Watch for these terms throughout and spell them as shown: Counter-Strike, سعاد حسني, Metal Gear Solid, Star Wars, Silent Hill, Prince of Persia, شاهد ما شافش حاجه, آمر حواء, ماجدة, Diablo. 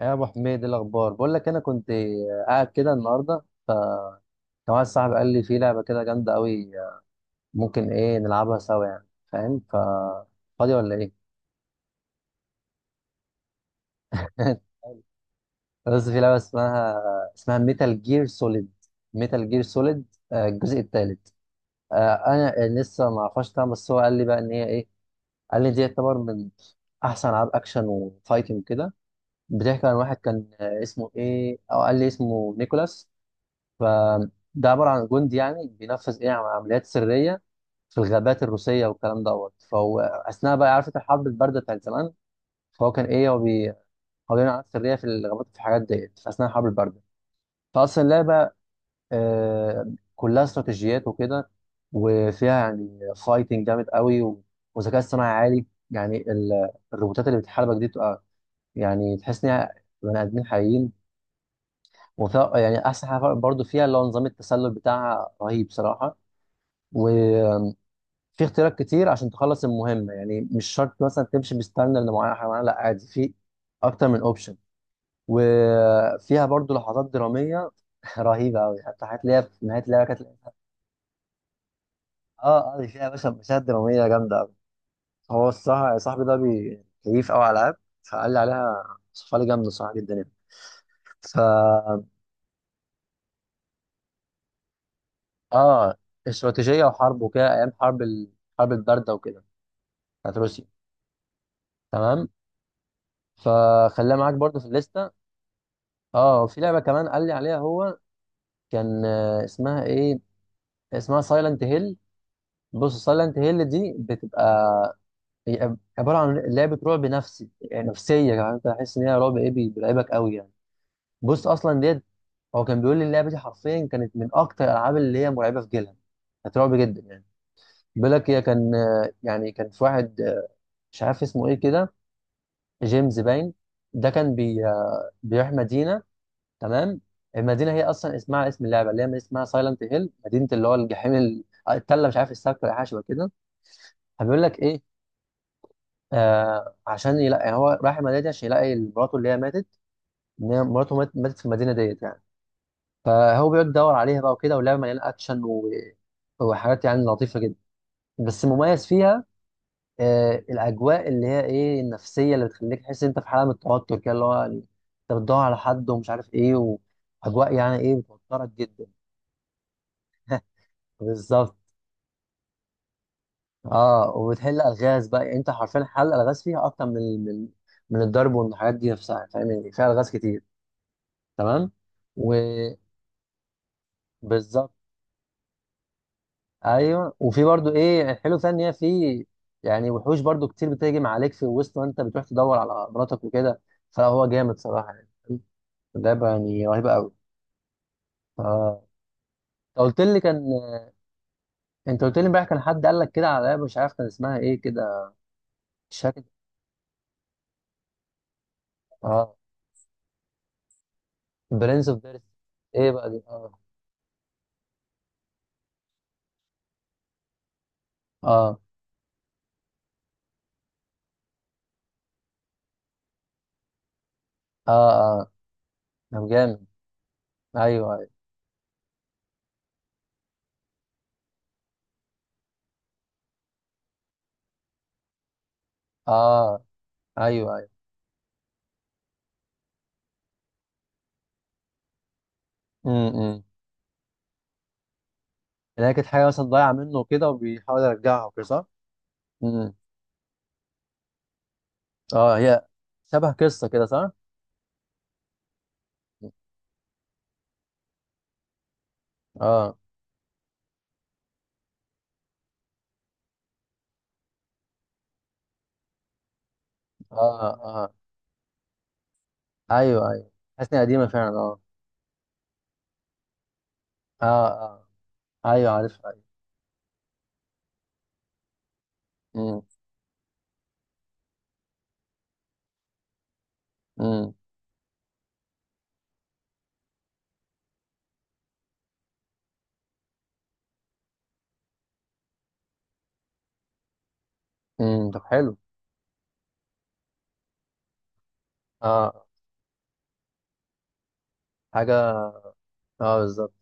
يا ابو حميد، إيه الاخبار؟ بقول لك انا كنت قاعد كده النهارده، كان واحد صاحبي قال لي في لعبه كده جامده قوي، ممكن ايه نلعبها سوا يعني، فاهم؟ فاضي ولا ايه؟ بس في لعبه اسمها، ميتال جير سوليد، ميتال جير سوليد الجزء الثالث. انا لسه ما اعرفهاش طبعا، بس هو قال لي بقى ان هي ايه، قال لي دي يعتبر من احسن العاب اكشن وفايتنج كده. بتحكي عن واحد كان اسمه ايه، او قال لي اسمه نيكولاس. فده عباره عن جندي يعني بينفذ ايه عمليات سريه في الغابات الروسيه والكلام دوت. فهو اثناء بقى، عارف انت الحرب البارده بتاعت زمان، فهو كان ايه، هو بيعمل عمليات سريه في الغابات في الحاجات ديت في اثناء الحرب البارده. فاصلا اللعبه كلها استراتيجيات وكده، وفيها يعني فايتنج جامد قوي وذكاء اصطناعي عالي، يعني الروبوتات اللي بتحاربك دي تبقى يعني تحس انها بني ادمين حقيقيين. وفيها يعني احسن حاجه برضه فيها اللي هو نظام التسلل بتاعها، رهيب صراحه. وفي اختيارات كتير عشان تخلص المهمه، يعني مش شرط مثلا تمشي بستاندرد معينه حيوانات، لا عادي في اكتر من اوبشن. وفيها برضو لحظات دراميه رهيبه قوي، حتى حاجات اللي هي في نهايه اللعبه كانت. اه اه، دي فيها يا باشا مشاهد دراميه جامده قوي. هو الصراحه صاحبي ده كيف قوي على العاب، فقال لي عليها، صفها لي جامده صراحه جدا يعني. ف اه، استراتيجيه وحرب وكده، ايام حرب البارده وكده، بتاعت روسيا. تمام، فخليها معاك برضو في الليسته. اه، في لعبه كمان قال لي عليها هو، كان اسمها ايه، اسمها سايلنت هيل. بص سايلنت هيل دي بتبقى، هي عباره عن لعبه رعب نفسي، يعني نفسيه، يعني انت تحس ان هي رعب ايه، بيرعبك قوي يعني. بص اصلا ديت، هو كان بيقول لي اللعبه دي حرفيا كانت من اكتر الالعاب اللي هي مرعبه في جيلها، كانت رعب جدا يعني. بيقول لك هي كان يعني كان في واحد مش عارف اسمه ايه كده، جيمس باين. ده كان بي آه، بيروح مدينه. تمام، المدينه هي اصلا اسمها اسم اللعبه اللي هي اسمها سايلنت هيل، مدينه اللي هو الجحيم التله، مش عارف السكر ولا حاجه شبه كده. فبيقول لك ايه، عشان يلاقي، يعني هو رايح المدينه دي عشان يلاقي مراته اللي هي ماتت، ان هي مراته ماتت في المدينه ديت يعني. فهو بيقعد يدور عليها بقى وكده، واللعبه مليانه اكشن و... وحاجات يعني لطيفه جدا. بس المميز فيها الاجواء اللي هي ايه النفسيه، اللي بتخليك تحس إن انت في حاله من التوتر كده، اللي هو يعني انت بتدور على حد ومش عارف ايه، واجواء يعني ايه بتوترك جدا. بالظبط. اه، وبتحل الغاز بقى، يعني انت حرفيا حل الغاز فيها اكتر من من الضرب والحاجات دي نفسها، فاهم؟ يعني فيها الغاز كتير. تمام، وبالظبط. ايوه، وفي برضو ايه الحلو فيها ان هي في يعني وحوش برضو كتير بتهجم عليك في الوسط وانت بتروح تدور على مراتك وكده، فهو جامد صراحه يعني، لعبه يعني رهيبه قوي. اه، انت قلت لي كان انت قلت لي امبارح كان حد قال لك كده على لعبه، مش عارف كان اسمها ايه كده. مش فاكر. اه، برنس اوف ديرث. ايه بقى دي؟ اه اه اه, آه. طب جامد. ايوه ايوه. اه، ايوه ايوه. امم. اللي هي كانت حاجه مثلا ضايعه منه وكده وبيحاول يرجعها وكده صح؟ إمم. اه، هي شبه قصه كده صح؟ اه اه اه ايوه ايوه. حاسس انها قديمه فعلا، اه. اه اه ايوه عارفها ايوه. امم. امم. امم، طب حلو. اه، حاجه، اه بالظبط.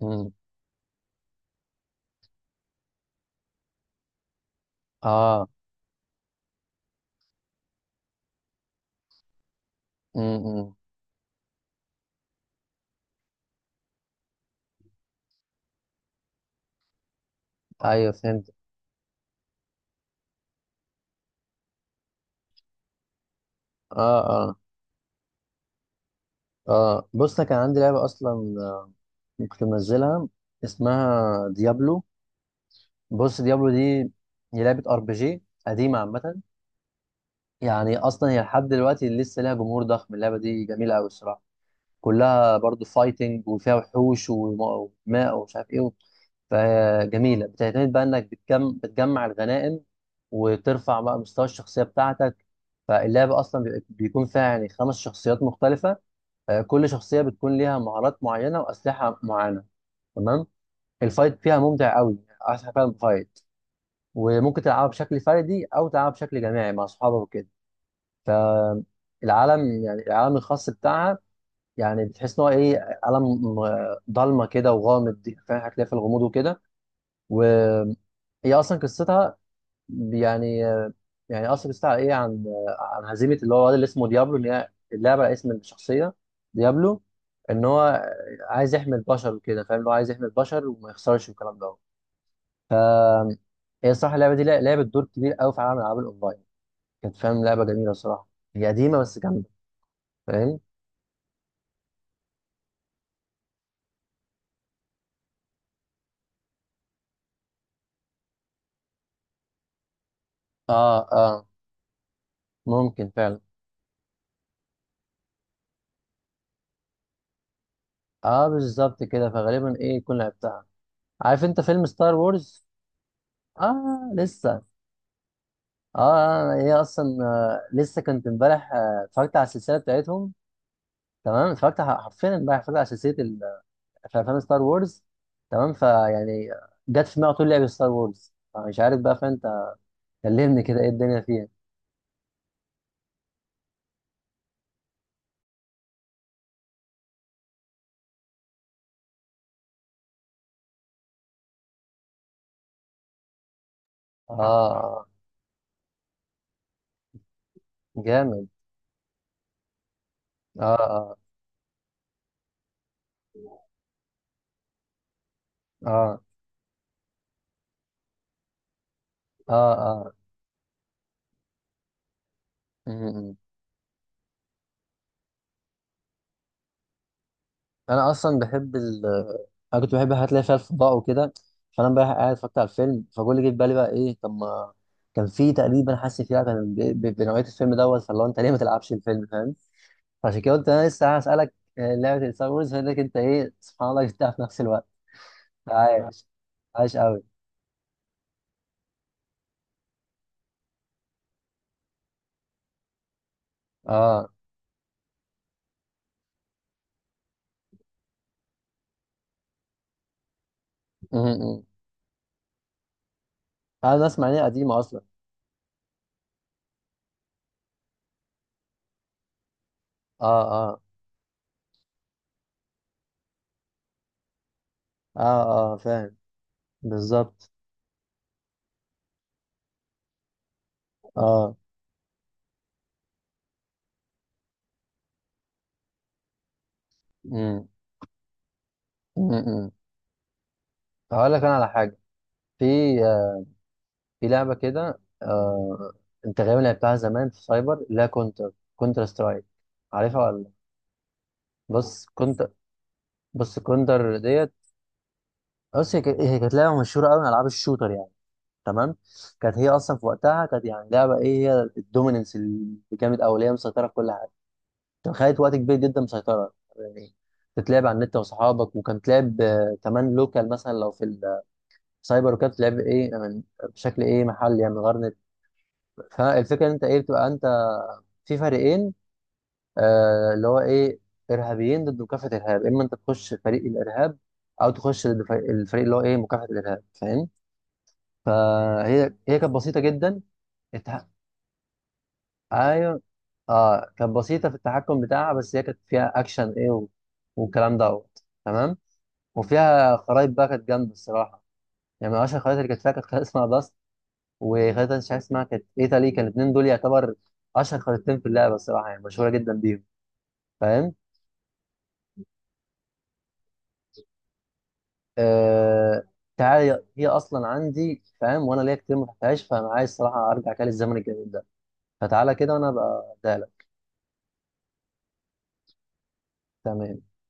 امم. اه. إمم. ايوه فهمت. اه اه اه. بص انا كان عندي لعبه اصلا كنت منزلها، اسمها ديابلو. بص ديابلو دي هي لعبة ار بي جي قديمة عامة. يعني أصلا هي لحد دلوقتي لسه لها جمهور ضخم، اللعبة دي جميلة أوي الصراحة. كلها برضو فايتنج وفيها وحوش وماء ومش عارف إيه. فجميلة، بتعتمد بقى إنك بتجمع الغنائم وترفع بقى مستوى الشخصية بتاعتك. فاللعبة أصلا بيكون فيها يعني خمس شخصيات مختلفة، كل شخصية بتكون ليها مهارات معينة وأسلحة معينة. تمام، الفايت فيها ممتع أوي يعني، أحسن فعلا فايت. وممكن تلعبها بشكل فردي او تلعبها بشكل جماعي مع اصحابك وكده. العالم يعني العالم الخاص بتاعها، يعني بتحس ان هو ايه عالم ضلمه كده وغامض، فاهم؟ هتلاقي في الغموض وكده. وهي اصلا قصتها يعني آه، يعني اصلا قصتها ايه عن عن هزيمه اللي هو الواد اللي اسمه ديابلو، ان هي اللعبه على اسم الشخصيه ديابلو، ان هو عايز يحمي البشر وكده، فاهم؟ اللي هو عايز يحمي البشر وما يخسرش والكلام ده. هي الصراحه اللعبه دي لعبت دور كبير قوي في عالم الالعاب الاونلاين، كانت فاهم لعبه جميله صراحه، هي قديمه بس جامده، فاهم؟ اه اه ممكن فعلا، اه بالظبط كده، فغالبا ايه يكون لعبتها. عارف انت فيلم ستار وورز؟ اه لسه. اه، هي اصلا آه لسه كنت امبارح اتفرجت على السلسله بتاعتهم. تمام، اتفرجت حرفيا امبارح، اتفرجت على سلسله في افلام ستار وورز. تمام، فيعني جت في دماغي على طول لعبه ستار وورز، مش عارف بقى فانت كلمني كده ايه الدنيا فيها. اه جامد. اه اه اه اه اه. انا اصلا بحب ال انا كنت بحب الحاجات اللي هي فيها الفضاء وكده. فانا بقى قاعد اتفرجت على الفيلم، فكل اللي جه في بالي بقى ايه طب ما كان في تقريبا، حاسس فيها كان بنوعيه الفيلم دوت، فاللي هو انت ليه ما تلعبش الفيلم، فاهم؟ فعشان كده قلت انا لسه هسالك لعبه ستار وورز لك انت، ايه سبحان الله جبتها في نفس الوقت. عايش، عايش قوي. اه، م- م. انا اسمع ان هي قديمه اصلا. اه اه اه اه فاهم بالظبط. اه، م- م- م. هقول لك انا على حاجه، في، في لعبة كده آه... انت غالبا لعبتها زمان في سايبر، لا كونتر، سترايك. عارفها ولا لأ؟ بص كونتر، بص ديت. بص هي كانت، لعبة مشهورة قوي من ألعاب الشوتر يعني. تمام، كانت هي أصلا في وقتها كانت يعني لعبة إيه، هي الدوميننس اللي جامد أوي، اللي هي مسيطرة في كل حاجة. كانت خدت وقت كبير جدا مسيطرة يعني، تتلعب على النت وصحابك، وكانت تلعب كمان لوكال مثلا لو في السايبر، وكانت تلعب إيه من بشكل إيه محلي يعني من غير نت. فالفكرة إن أنت إيه بتبقى أنت في فريقين، اللي هو ايه ارهابيين ضد مكافحه الارهاب، اما انت تخش فريق الارهاب او تخش ضد الفريق اللي هو ايه مكافحه الارهاب، فاهم؟ فهي كانت بسيطه جدا. التح... ايوه، اه كانت بسيطه في التحكم بتاعها، بس هي كانت فيها اكشن ايه و... والكلام دوت. تمام. وفيها خرايط بقى كانت جامده الصراحه، يعني من اشهر الخرايط اللي كانت فيها كانت خريطه اسمها باست، وخريطه مش عارف اسمها كانت ايطالي، كان الاثنين دول يعتبر اشهر خريطتين في اللعبه الصراحه يعني، مشهوره جدا بيهم، فاهم؟ آه، تعالى هي اصلا عندي، فاهم؟ وانا ليا كتير ما فتحتهاش، فانا عايز الصراحه ارجع كده للزمن الجميل ده، فتعالى كده وانا ابقى اديها لك. تمام.